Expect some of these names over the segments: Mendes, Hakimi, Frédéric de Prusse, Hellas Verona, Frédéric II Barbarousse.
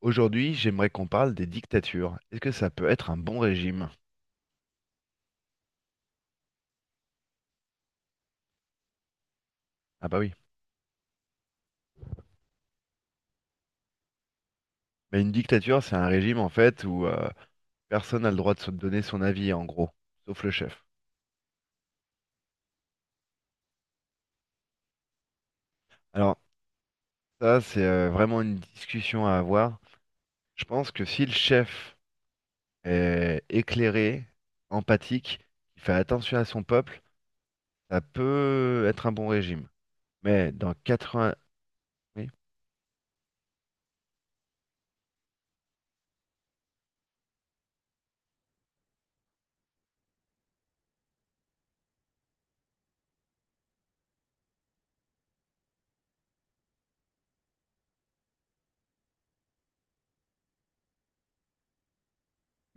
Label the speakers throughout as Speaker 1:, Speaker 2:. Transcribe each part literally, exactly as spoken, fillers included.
Speaker 1: Aujourd'hui, j'aimerais qu'on parle des dictatures. Est-ce que ça peut être un bon régime? Ah bah oui. Mais une dictature, c'est un régime en fait où euh, personne n'a le droit de se donner son avis, en gros, sauf le chef. Alors ça, c'est euh, vraiment une discussion à avoir. Je pense que si le chef est éclairé, empathique, qui fait attention à son peuple, ça peut être un bon régime. Mais dans quatre-vingts... oui.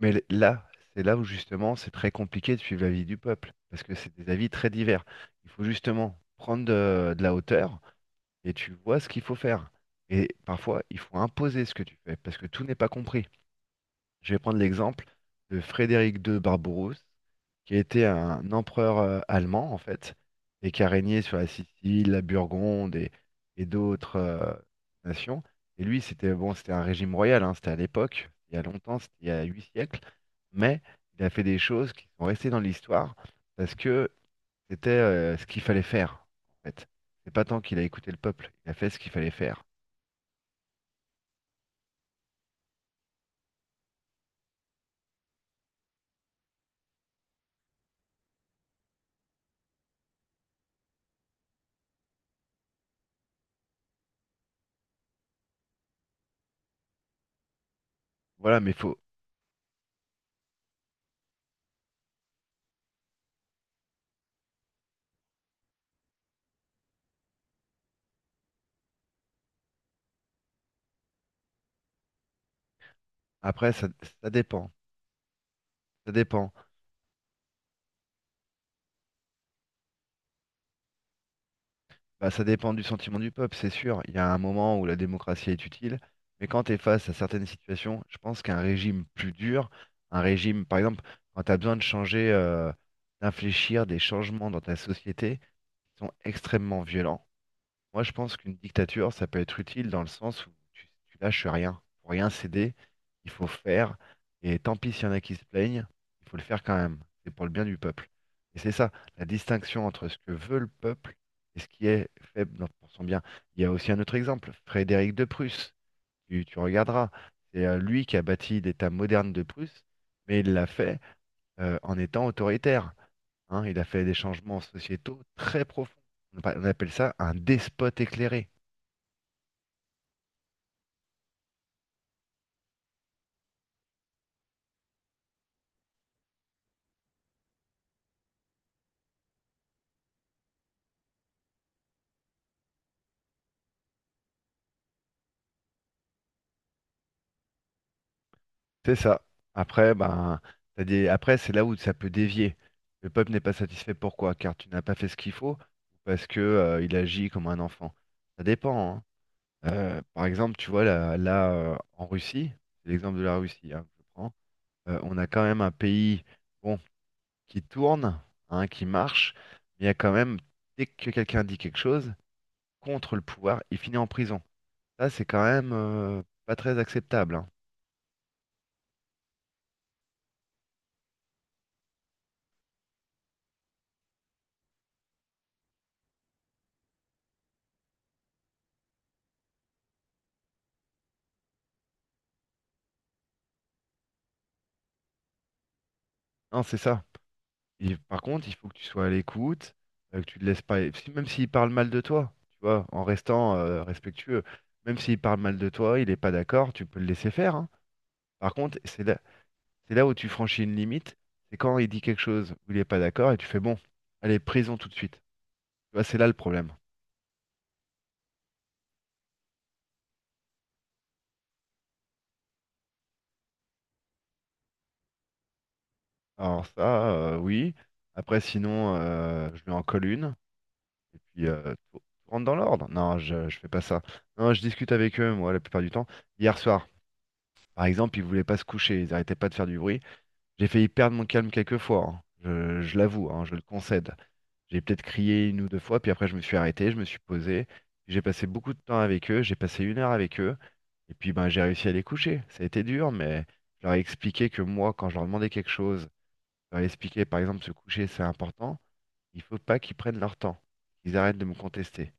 Speaker 1: Mais l- là, c'est là où justement c'est très compliqué de suivre l'avis du peuple, parce que c'est des avis très divers. Il faut justement prendre de, de la hauteur et tu vois ce qu'il faut faire. Et parfois, il faut imposer ce que tu fais, parce que tout n'est pas compris. Je vais prendre l'exemple de Frédéric deux Barbarousse, qui était un empereur euh, allemand, en fait, et qui a régné sur la Sicile, la Burgonde et, et d'autres euh, nations. Et lui, c'était bon, c'était un régime royal, hein, c'était à l'époque, il y a longtemps, c'était il y a huit siècles, mais il a fait des choses qui sont restées dans l'histoire parce que c'était euh, ce qu'il fallait faire, en fait. C'est pas tant qu'il a écouté le peuple, il a fait ce qu'il fallait faire. Voilà, mais faut. Après, ça, ça dépend. Ça dépend. Bah, ça dépend du sentiment du peuple, c'est sûr. Il y a un moment où la démocratie est utile, mais quand tu es face à certaines situations, je pense qu'un régime plus dur, un régime, par exemple, quand tu as besoin de changer, euh, d'infléchir des changements dans ta société qui sont extrêmement violents, moi, je pense qu'une dictature, ça peut être utile dans le sens où tu, tu lâches rien. Pour rien céder, il faut faire. Et tant pis s'il y en a qui se plaignent, il faut le faire quand même. C'est pour le bien du peuple. Et c'est ça, la distinction entre ce que veut le peuple et ce qui est fait dans- pour son bien. Il y a aussi un autre exemple, Frédéric de Prusse. Tu, tu regarderas. C'est euh, lui qui a bâti l'État moderne de Prusse, mais il l'a fait euh, en étant autoritaire, hein. Il a fait des changements sociétaux très profonds. On appa- on appelle ça un despote éclairé. C'est ça. Après, ben, t'as des... Après, c'est là où ça peut dévier. Le peuple n'est pas satisfait. Pourquoi? Car tu n'as pas fait ce qu'il faut ou parce que, euh, il agit comme un enfant. Ça dépend, hein. Euh, par exemple, tu vois, là, là, euh, en Russie, c'est l'exemple de la Russie, hein, que je prends, euh, on a quand même un pays, bon, qui tourne, hein, qui marche, mais il y a quand même, dès que quelqu'un dit quelque chose contre le pouvoir, il finit en prison. Ça, c'est quand même, euh, pas très acceptable, hein. Non, c'est ça. Et par contre, il faut que tu sois à l'écoute, euh, que tu te laisses pas. si- Même s'il parle mal de toi, tu vois, en restant euh, respectueux, même s'il parle mal de toi, il n'est pas d'accord, tu peux le laisser faire, hein. Par contre, c'est là, c'est là où tu franchis une limite, c'est quand il dit quelque chose où il n'est pas d'accord et tu fais bon, allez, prison tout de suite. Tu vois, c'est là le problème. Alors ça, euh, oui. Après, sinon, euh, je lui en colle une et puis euh, tout tout rentre dans l'ordre. Non, je, je fais pas ça. Non, je discute avec eux, moi, la plupart du temps. Hier soir. Par exemple, ils voulaient pas se coucher, ils arrêtaient pas de faire du bruit. J'ai failli perdre mon calme quelques fois, hein. Je, je l'avoue, hein, je le concède. J'ai peut-être crié une ou deux fois, puis après je me suis arrêté, je me suis posé. J'ai passé beaucoup de temps avec eux, j'ai passé une heure avec eux, et puis ben j'ai réussi à les coucher. Ça a été dur, mais je leur ai expliqué que moi, quand je leur demandais quelque chose, je leur ai expliqué, par exemple, se coucher, c'est important. Il faut pas qu'ils prennent leur temps, qu'ils arrêtent de me contester,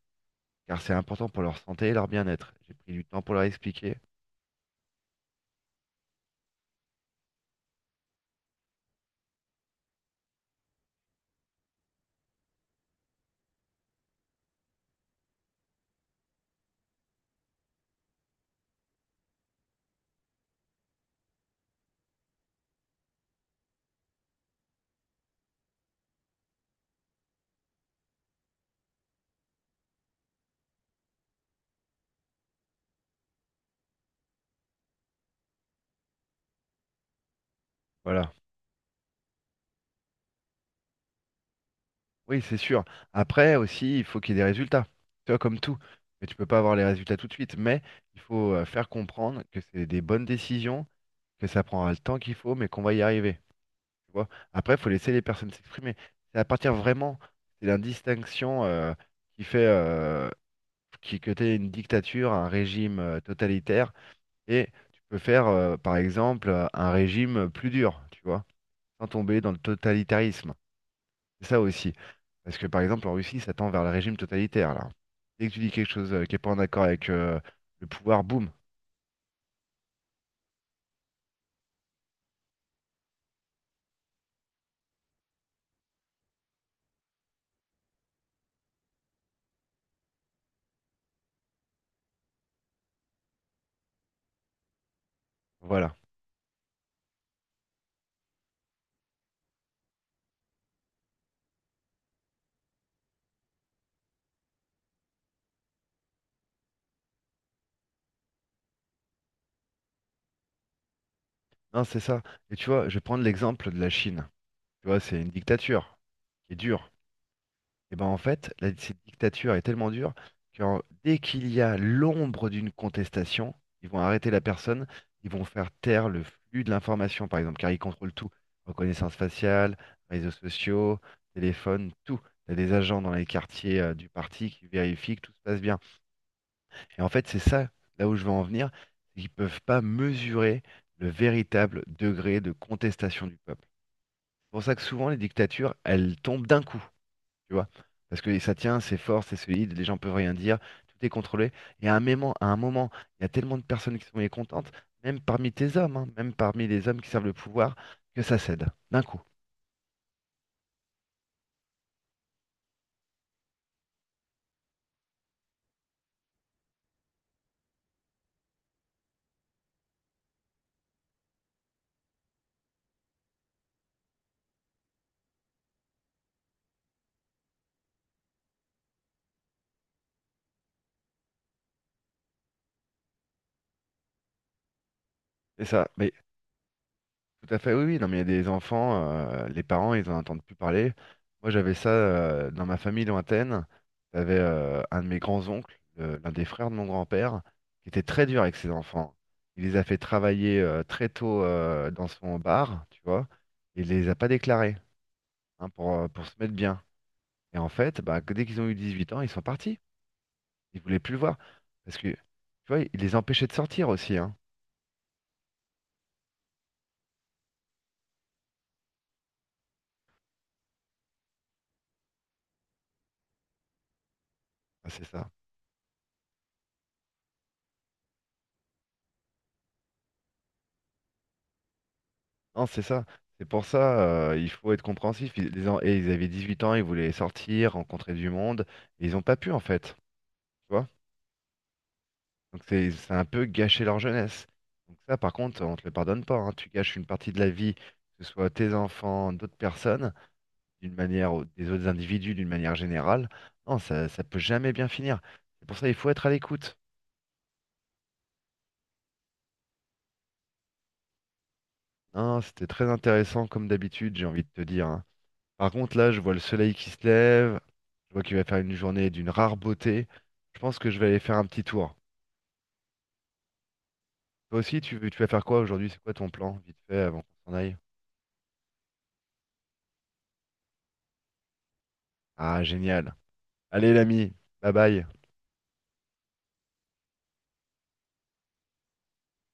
Speaker 1: car c'est important pour leur santé et leur bien-être. J'ai pris du temps pour leur expliquer. Voilà. Oui, c'est sûr. Après aussi, il faut qu'il y ait des résultats. Tu vois, comme tout. Mais tu peux pas avoir les résultats tout de suite. Mais il faut euh, faire comprendre que c'est des bonnes décisions, que ça prendra le temps qu'il faut, mais qu'on va y arriver. Tu vois. Après, il faut laisser les personnes s'exprimer. C'est à partir vraiment, c'est la distinction euh, qui fait euh, qui, que tu une dictature, un régime euh, totalitaire. Et tu peux faire, euh, par exemple, euh, un régime plus dur, tu vois, sans tomber dans le totalitarisme. C'est ça aussi. Parce que par exemple, en Russie, ça tend vers le régime totalitaire, là. Dès que tu dis quelque chose euh, qui n'est pas en accord avec euh, le pouvoir, boum, voilà. Non, c'est ça. Et tu vois, je vais prendre l'exemple de la Chine. Tu vois, c'est une dictature qui est dure. Et ben en fait, la- cette dictature est tellement dure que en- dès qu'il y a l'ombre d'une contestation, ils vont arrêter la personne, ils vont faire taire le flux de l'information, par exemple, car ils contrôlent tout. Reconnaissance faciale, réseaux sociaux, téléphone, tout. Il y a des agents dans les quartiers euh, du parti qui vérifient que tout se passe bien. Et en fait, c'est ça, là où je veux en venir, c'est qu'ils peuvent pas mesurer le véritable degré de contestation du peuple. C'est pour ça que souvent, les dictatures, elles tombent d'un coup, tu vois. Parce que ça tient, c'est fort, c'est solide, les gens peuvent rien dire, tout est contrôlé. Et à un moment, à un moment, il y a tellement de personnes qui sont mécontentes, même parmi tes hommes, hein, même parmi les hommes qui servent le pouvoir, que ça cède, d'un coup. C'est ça. Mais tout à fait, oui, oui. Non, mais il y a des enfants, euh, les parents, ils en entendent plus parler. Moi, j'avais ça euh, dans ma famille lointaine. J'avais euh, un de mes grands-oncles, euh, l'un des frères de mon grand-père, qui était très dur avec ses enfants. Il les a fait travailler euh, très tôt euh, dans son bar, tu vois, et il les a pas déclarés, hein, pour, euh, pour se mettre bien. Et en fait, bah, que dès qu'ils ont eu 18 ans, ils sont partis. Ils voulaient plus le voir. Parce que, tu vois, il les empêchait de sortir aussi, hein. Ah, c'est ça. Non, c'est ça. C'est pour ça, euh, il faut être compréhensif. Ils, les en- et ils avaient 18 ans, ils voulaient sortir, rencontrer du monde, et ils n'ont pas pu en fait. Tu vois? Donc c'est c'est un peu gâcher leur jeunesse. Donc ça, par contre, on te le pardonne pas, hein. Tu gâches une partie de la vie, que ce soit tes enfants, d'autres personnes, d'une manière, ou des autres individus, d'une manière générale. Non, ça, ça peut jamais bien finir. C'est pour ça, il faut être à l'écoute. Non, c'était très intéressant comme d'habitude, j'ai envie de te dire, hein. Par contre, là, je vois le soleil qui se lève, je vois qu'il va faire une journée d'une rare beauté. Je pense que je vais aller faire un petit tour. Toi aussi, tu, veux- tu vas faire quoi aujourd'hui? C'est quoi ton plan, vite fait, avant qu'on s'en aille? Ah, génial. Allez, l'ami, bye bye.